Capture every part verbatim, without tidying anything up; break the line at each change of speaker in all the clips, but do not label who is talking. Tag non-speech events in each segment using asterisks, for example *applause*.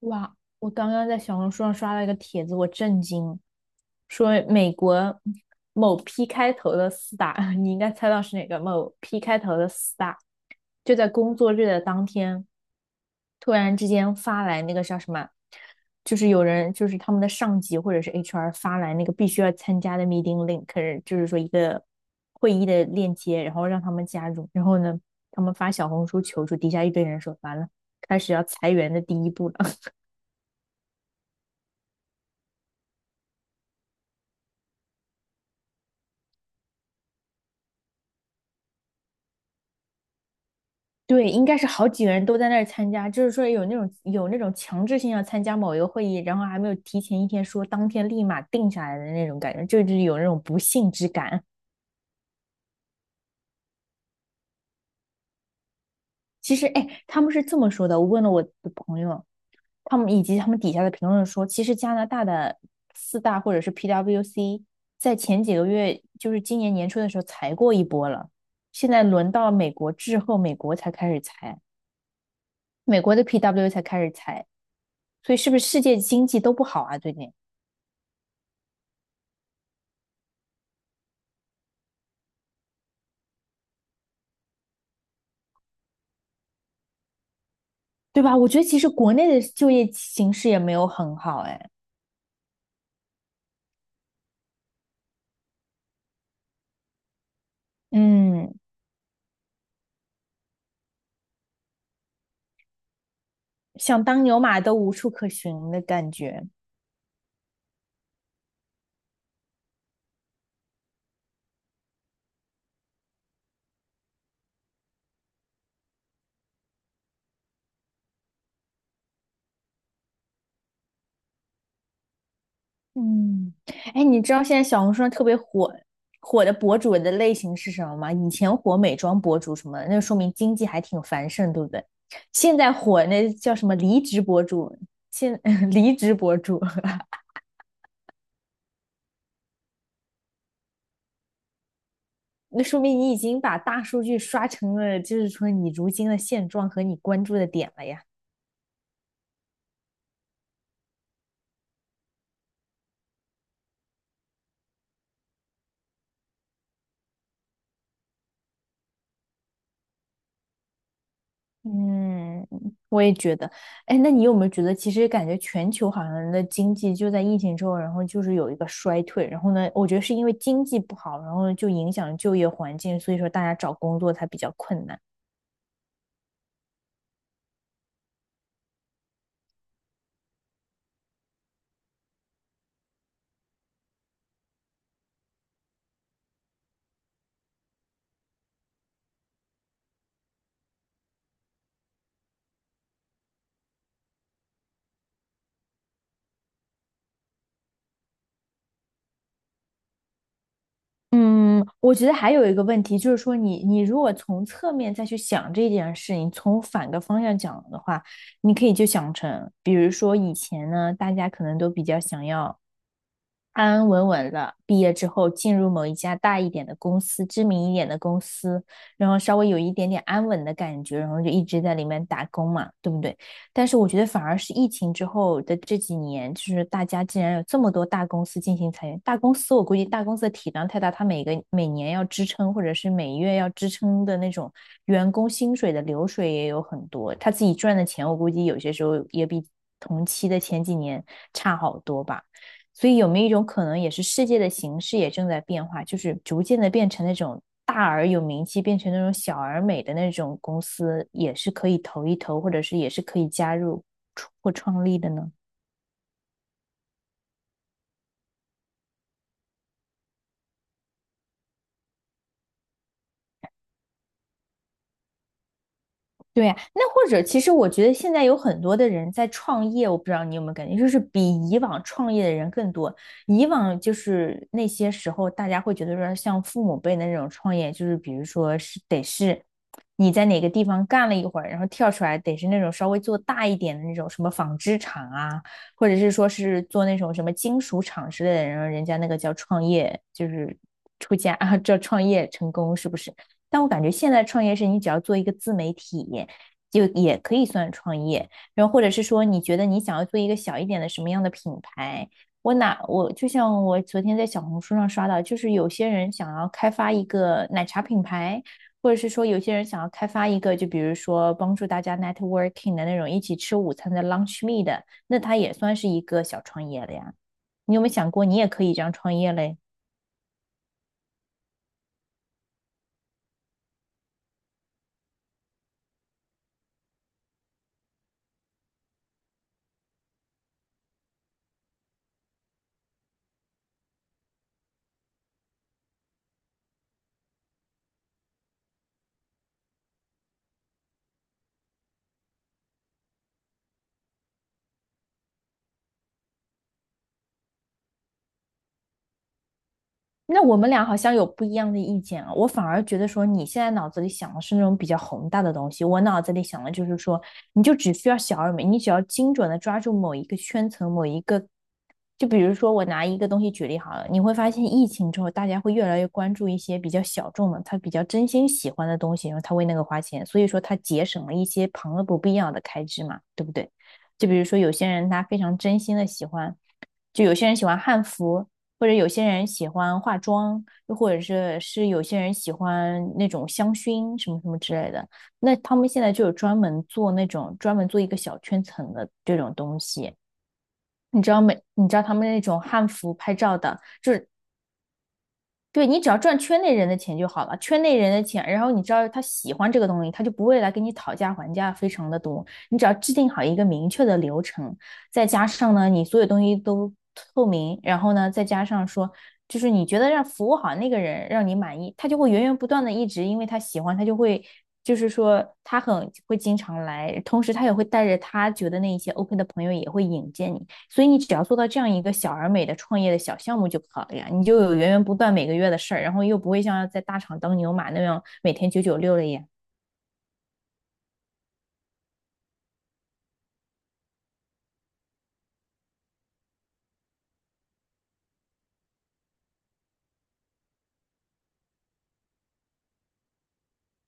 哇，我刚刚在小红书上刷了一个帖子，我震惊，说美国某 P 开头的四大，*laughs* 你应该猜到是哪个？某 P 开头的四大，就在工作日的当天，突然之间发来那个叫什么，就是有人就是他们的上级或者是 H R 发来那个必须要参加的 meeting link，可是就是说一个会议的链接，然后让他们加入，然后呢，他们发小红书求助，底下一堆人说完了，开始要裁员的第一步了。对，应该是好几个人都在那儿参加，就是说有那种有那种强制性要参加某一个会议，然后还没有提前一天说，当天立马定下来的那种感觉，就是有那种不幸之感。其实，哎，他们是这么说的，我问了我的朋友，他们以及他们底下的评论说，其实加拿大的四大或者是 P W C 在前几个月，就是今年年初的时候裁过一波了，现在轮到美国之后，美国才开始裁，美国的 P W 才开始裁，所以是不是世界经济都不好啊？最近？对吧？我觉得其实国内的就业形势也没有很好，哎，嗯，想当牛马都无处可寻的感觉。嗯，哎，你知道现在小红书上特别火火的博主的类型是什么吗？以前火美妆博主什么的，那说明经济还挺繁盛，对不对？现在火那叫什么离职博主，现 *laughs* 离职博主，*laughs* 那说明你已经把大数据刷成了，就是说你如今的现状和你关注的点了呀。嗯，我也觉得。哎，那你有没有觉得，其实感觉全球好像人的经济就在疫情之后，然后就是有一个衰退，然后呢，我觉得是因为经济不好，然后就影响就业环境，所以说大家找工作才比较困难。嗯，我觉得还有一个问题就是说你，你如果从侧面再去想这件事情，从反个方向讲的话，你可以就想成，比如说以前呢，大家可能都比较想要。安安稳稳了，毕业之后进入某一家大一点的公司，知名一点的公司，然后稍微有一点点安稳的感觉，然后就一直在里面打工嘛，对不对？但是我觉得反而是疫情之后的这几年，就是大家竟然有这么多大公司进行裁员，大公司我估计大公司的体量太大，它每个每年要支撑或者是每月要支撑的那种员工薪水的流水也有很多，他自己赚的钱我估计有些时候也比同期的前几年差好多吧。所以有没有一种可能，也是世界的形势也正在变化，就是逐渐的变成那种大而有名气，变成那种小而美的那种公司，也是可以投一投，或者是也是可以加入或创立的呢？对呀，那或者其实我觉得现在有很多的人在创业，我不知道你有没有感觉，就是比以往创业的人更多。以往就是那些时候，大家会觉得说，像父母辈的那种创业，就是比如说是得是你在哪个地方干了一会儿，然后跳出来，得是那种稍微做大一点的那种什么纺织厂啊，或者是说是做那种什么金属厂之类的，然后人家那个叫创业，就是出家啊，叫创业成功，是不是？但我感觉现在创业是你只要做一个自媒体，就也可以算创业。然后或者是说，你觉得你想要做一个小一点的什么样的品牌？我哪我就像我昨天在小红书上刷到，就是有些人想要开发一个奶茶品牌，或者是说有些人想要开发一个，就比如说帮助大家 networking 的那种一起吃午餐的 lunch meet 的，那它也算是一个小创业了呀。你有没有想过，你也可以这样创业嘞？那我们俩好像有不一样的意见啊，我反而觉得说你现在脑子里想的是那种比较宏大的东西，我脑子里想的就是说，你就只需要小而美，你只要精准的抓住某一个圈层，某一个，就比如说我拿一个东西举例好了，你会发现疫情之后，大家会越来越关注一些比较小众的，他比较真心喜欢的东西，然后他为那个花钱，所以说他节省了一些旁的不必要的开支嘛，对不对？就比如说有些人他非常真心的喜欢，就有些人喜欢汉服。或者有些人喜欢化妆，又或者是是有些人喜欢那种香薰什么什么之类的。那他们现在就有专门做那种专门做一个小圈层的这种东西，你知道每你知道他们那种汉服拍照的，对，你只要赚圈内人的钱就好了，圈内人的钱，然后你知道他喜欢这个东西，他就不会来跟你讨价还价，非常的多。你只要制定好一个明确的流程，再加上呢，你所有东西都透明，然后呢，再加上说，就是你觉得让服务好那个人让你满意，他就会源源不断的一直，因为他喜欢，他就会，就是说他很会经常来，同时他也会带着他觉得那一些 OK 的朋友也会引荐你，所以你只要做到这样一个小而美的创业的小项目就好了呀，你就有源源不断每个月的事儿，然后又不会像在大厂当牛马那样每天九九六了呀。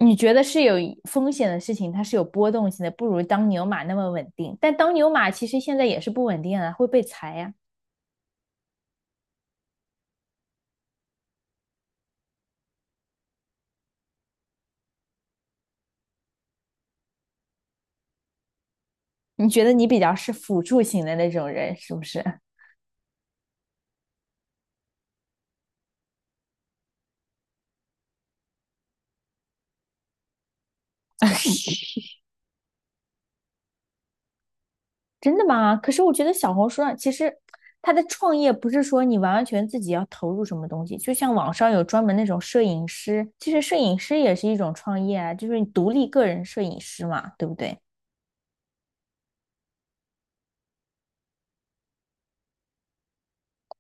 你觉得是有风险的事情，它是有波动性的，不如当牛马那么稳定。但当牛马其实现在也是不稳定啊，会被裁呀、啊你觉得你比较是辅助型的那种人，是不是？真的吗？可是我觉得小红书上其实它的创业不是说你完完全自己要投入什么东西，就像网上有专门那种摄影师，其实摄影师也是一种创业啊，就是你独立个人摄影师嘛，对不对？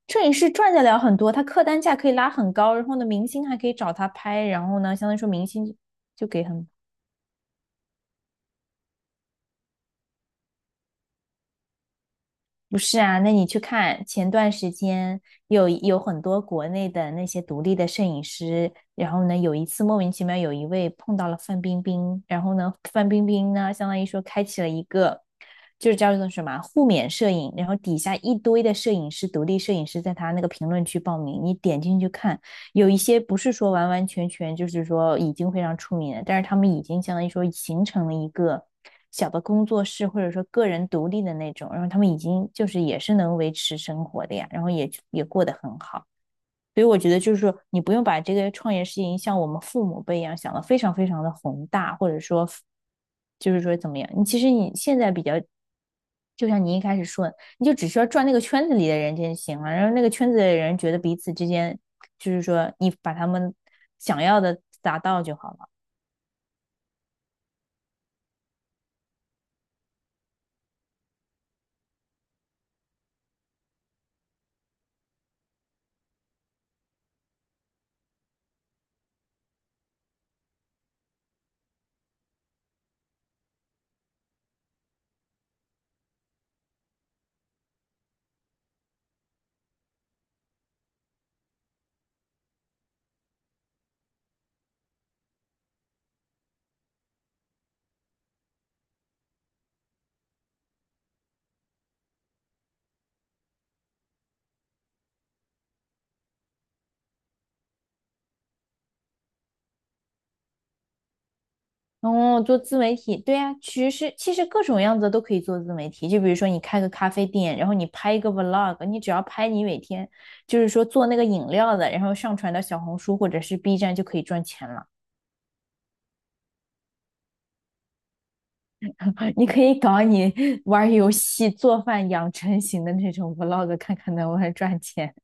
摄影师赚得了很多，他客单价可以拉很高，然后呢，明星还可以找他拍，然后呢，相当于说明星就给很不是啊，那你去看前段时间有有很多国内的那些独立的摄影师，然后呢，有一次莫名其妙有一位碰到了范冰冰，然后呢，范冰冰呢，相当于说开启了一个就是叫做什么啊互免摄影，然后底下一堆的摄影师，独立摄影师在他那个评论区报名，你点进去看，有一些不是说完完全全就是说已经非常出名了，但是他们已经相当于说形成了一个小的工作室，或者说个人独立的那种，然后他们已经就是也是能维持生活的呀，然后也也过得很好。所以我觉得就是说，你不用把这个创业事情像我们父母辈一样想的非常非常的宏大，或者说，就是说怎么样？你其实你现在比较，就像你一开始说的，你就只需要转那个圈子里的人就行了，然后那个圈子的人觉得彼此之间，就是说你把他们想要的达到就好了。哦，做自媒体，对呀，其实其实各种样子都可以做自媒体。就比如说你开个咖啡店，然后你拍一个 vlog，你只要拍你每天就是说做那个饮料的，然后上传到小红书或者是 B 站就可以赚钱了。*laughs* 你可以搞你玩游戏、做饭、养成型的那种 vlog，看看能不能赚钱。